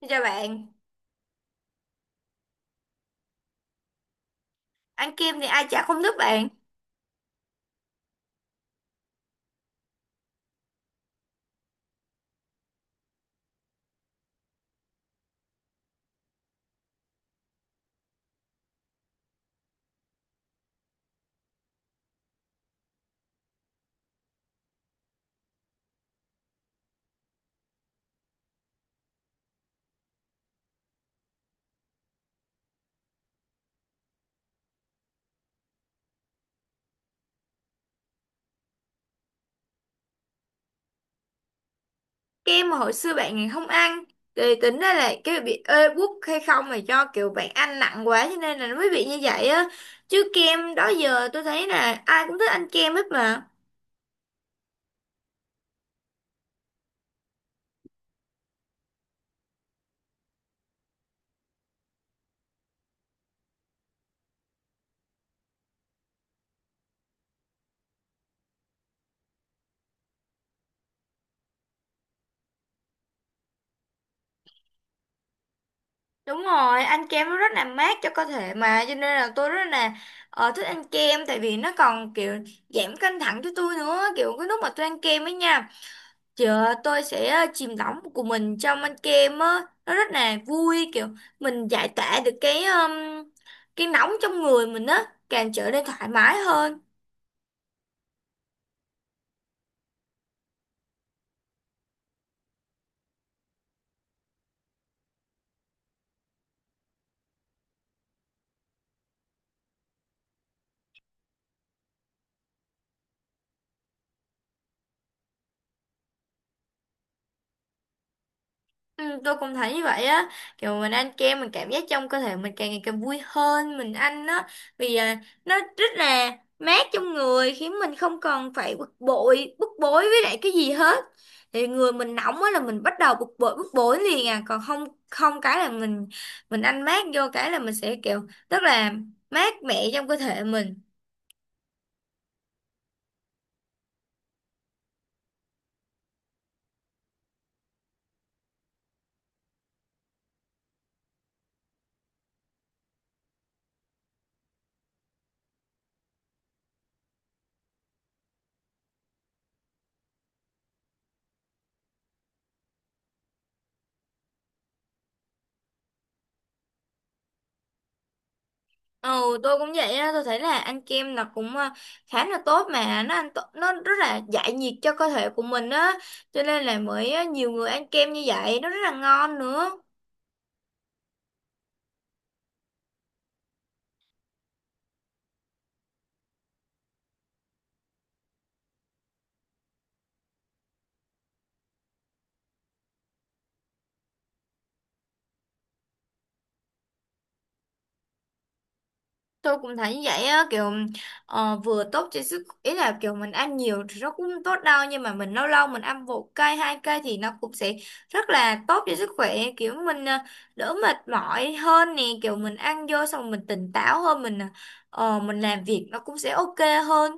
Xin chào bạn. Ăn kem thì ai chả không thích bạn. Kem mà hồi xưa bạn không ăn thì tính ra là cái bị ê buốt hay không, mà do kiểu bạn ăn nặng quá cho nên là nó mới bị như vậy á. Chứ kem đó giờ tôi thấy là ai cũng thích ăn kem hết mà. Đúng rồi, ăn kem nó rất là mát cho cơ thể mà, cho nên là tôi rất là thích ăn kem. Tại vì nó còn kiểu giảm căng thẳng cho tôi nữa. Kiểu cái lúc mà tôi ăn kem ấy nha, chờ tôi sẽ chìm đắm của mình trong anh kem á, nó rất là vui, kiểu mình giải tỏa được cái nóng trong người mình á, càng trở nên thoải mái hơn. Ừ, tôi cũng thấy như vậy á, kiểu mình ăn kem mình cảm giác trong cơ thể mình càng ngày càng vui hơn. Mình ăn nó vì à, nó rất là mát trong người, khiến mình không còn phải bực bội bức bối với lại cái gì hết. Thì người mình nóng á là mình bắt đầu bực bội bức bối liền à, còn không không cái là mình ăn mát vô cái là mình sẽ kiểu rất là mát mẻ trong cơ thể mình. Ừ, tôi cũng vậy á, tôi thấy là ăn kem là cũng à, khá là tốt, mà nó ăn tốt, nó rất là giải nhiệt cho cơ thể của mình á, cho nên là mới à, nhiều người ăn kem như vậy, nó rất là ngon nữa. Tôi cũng thấy như vậy á, kiểu vừa tốt cho sức, ý là kiểu mình ăn nhiều thì nó cũng không tốt đâu, nhưng mà mình lâu lâu mình ăn một cây, hai cây thì nó cũng sẽ rất là tốt cho sức khỏe, kiểu mình à, đỡ mệt mỏi hơn nè, kiểu mình ăn vô xong rồi mình tỉnh táo hơn, mình à, mình làm việc nó cũng sẽ ok hơn.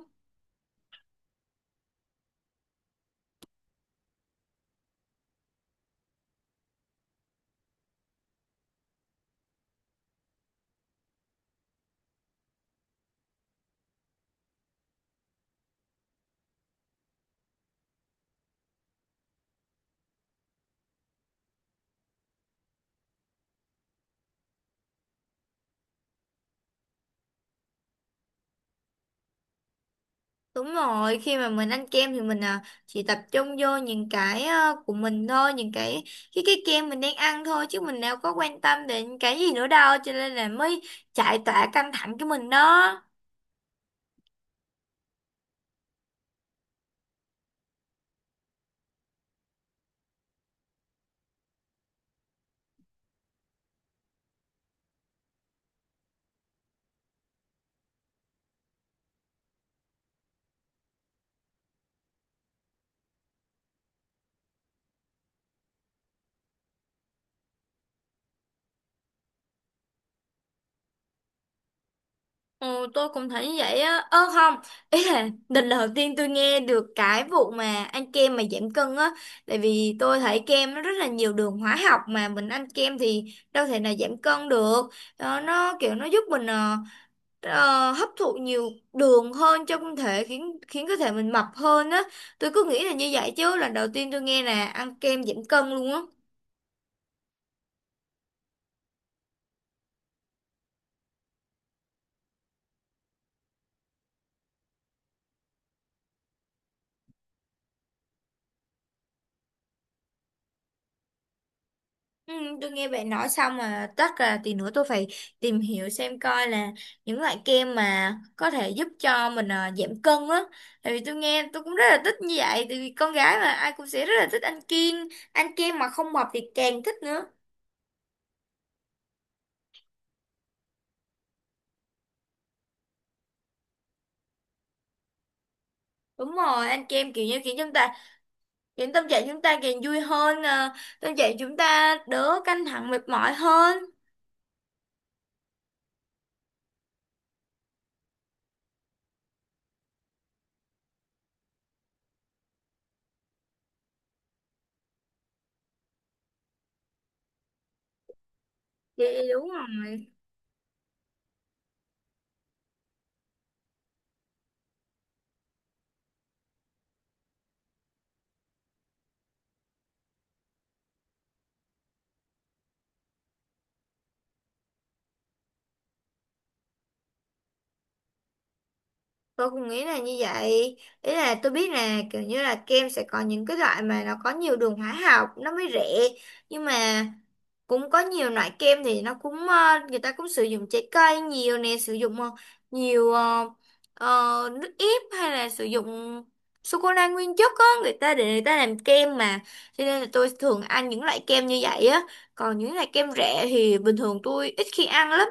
Đúng rồi, khi mà mình ăn kem thì mình à, chỉ tập trung vô những của mình thôi, những cái kem mình đang ăn thôi, chứ mình đâu có quan tâm đến cái gì nữa đâu, cho nên là mới chạy tọa căng thẳng cái mình đó. Ừ, tôi cũng thấy như vậy á. Ơ không, ý là lần đầu tiên tôi nghe được cái vụ mà ăn kem mà giảm cân á, tại vì tôi thấy kem nó rất là nhiều đường hóa học, mà mình ăn kem thì đâu thể nào giảm cân được. Ờ, nó kiểu nó giúp mình hấp thụ nhiều đường hơn trong thể, khiến khiến cơ thể mình mập hơn á. Tôi cứ nghĩ là như vậy, chứ lần đầu tiên tôi nghe là ăn kem giảm cân luôn á. Ừ, tôi nghe bạn nói xong mà chắc là tí nữa tôi phải tìm hiểu xem coi là những loại kem mà có thể giúp cho mình giảm cân á. Tại vì tôi nghe tôi cũng rất là thích như vậy, tại vì con gái mà ai cũng sẽ rất là thích ăn kem. Ăn kem mà không mập thì càng thích nữa. Đúng rồi, ăn kem kiểu như kiểu chúng ta khiến tâm trạng chúng ta càng vui hơn à, tâm trạng chúng ta đỡ căng thẳng mệt mỏi hơn. Vậy đúng rồi. Tôi cũng nghĩ là như vậy. Ý là tôi biết là kiểu như là kem sẽ có những cái loại mà nó có nhiều đường hóa học nó mới rẻ. Nhưng mà cũng có nhiều loại kem thì nó cũng ờ, người ta cũng sử dụng trái cây nhiều nè, sử dụng nhiều ờ, nước ép, hay là sử dụng sô cô la nguyên chất á, người ta để người ta làm kem mà. Cho nên là tôi thường ăn những loại kem như vậy á. Còn những loại kem rẻ thì bình thường tôi ít khi ăn lắm.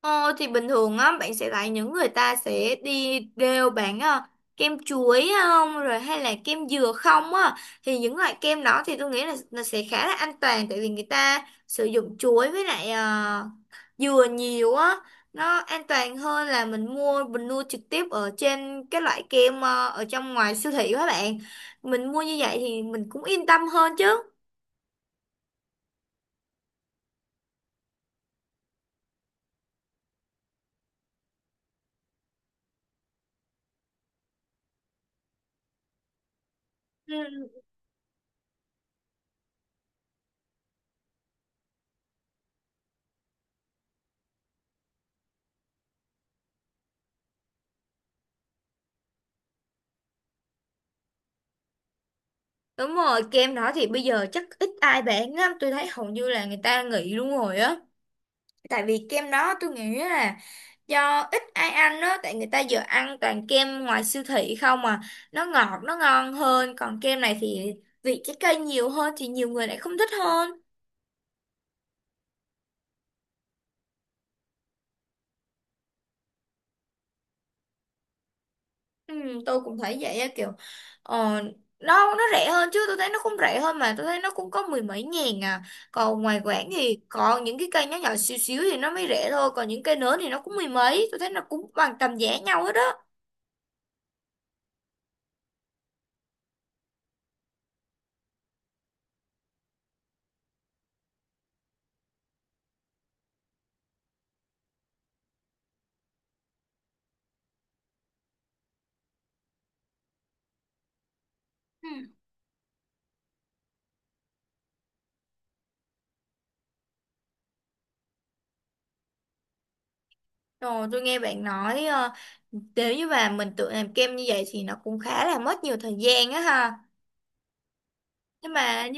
Ờ, thì bình thường á bạn sẽ thấy những người ta sẽ đi đều bán kem chuối không rồi, hay là kem dừa không á, thì những loại kem đó thì tôi nghĩ là nó sẽ khá là an toàn, tại vì người ta sử dụng chuối với lại dừa nhiều á, nó an toàn hơn là mình mua trực tiếp ở trên cái loại kem, ở trong ngoài siêu thị các bạn. Mình mua như vậy thì mình cũng yên tâm hơn chứ. Ừ. Đúng rồi, kem đó thì bây giờ chắc ít ai bán lắm, tôi thấy hầu như là người ta nghỉ luôn rồi á. Tại vì kem đó tôi nghĩ là do ít ai ăn đó, tại người ta giờ ăn toàn kem ngoài siêu thị không mà, nó ngọt, nó ngon hơn, còn kem này thì vị trái cây nhiều hơn thì nhiều người lại không thích hơn. Ừ, tôi cũng thấy vậy á, kiểu ờ, nó rẻ hơn, chứ tôi thấy nó cũng rẻ hơn, mà tôi thấy nó cũng có mười mấy ngàn à, còn ngoài quảng thì còn những cái cây nhỏ nhỏ xíu xíu thì nó mới rẻ thôi, còn những cây lớn thì nó cũng mười mấy, tôi thấy nó cũng bằng tầm giá nhau hết đó. Ừ. Rồi tôi nghe bạn nói nếu như mà mình tự làm kem như vậy thì nó cũng khá là mất nhiều thời gian á ha. nhưng mà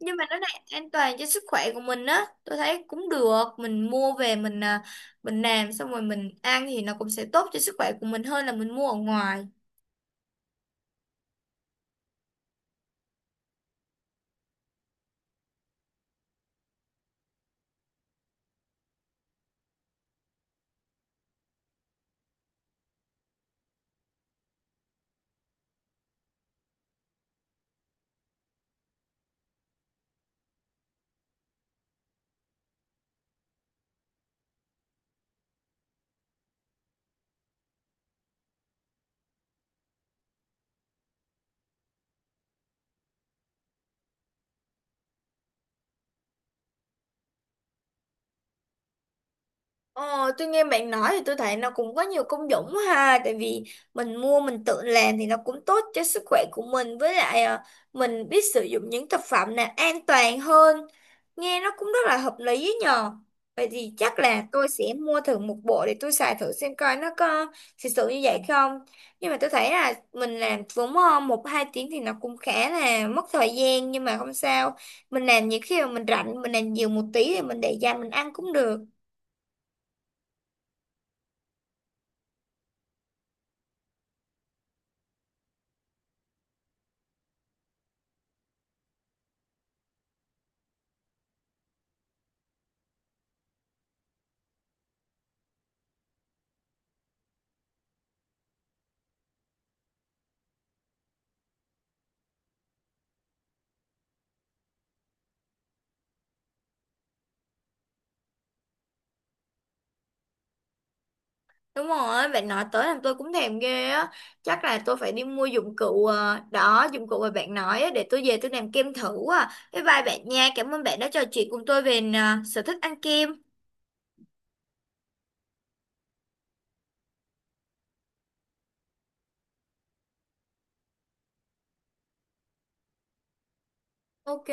nhưng mà nó lại an toàn cho sức khỏe của mình á, tôi thấy cũng được, mình mua về mình à, mình làm xong rồi mình ăn thì nó cũng sẽ tốt cho sức khỏe của mình hơn là mình mua ở ngoài. Ờ, tôi nghe bạn nói thì tôi thấy nó cũng có nhiều công dụng quá ha, tại vì mình mua mình tự làm thì nó cũng tốt cho sức khỏe của mình, với lại mình biết sử dụng những thực phẩm này an toàn hơn. Nghe nó cũng rất là hợp lý ấy nhờ. Vậy thì chắc là tôi sẽ mua thử một bộ để tôi xài thử xem coi nó có thực sự như vậy không. Nhưng mà tôi thấy là mình làm vốn 1 2 tiếng thì nó cũng khá là mất thời gian, nhưng mà không sao, mình làm những khi mà mình rảnh, mình làm nhiều một tí thì mình để dành mình ăn cũng được. Đúng rồi, bạn nói tới làm tôi cũng thèm ghê á. Chắc là tôi phải đi mua dụng cụ, đó, dụng cụ mà bạn nói á, để tôi về tôi làm kem thử à. Bye bye bạn nha, cảm ơn bạn đã trò chuyện cùng tôi về sở thích ăn kem. Ok.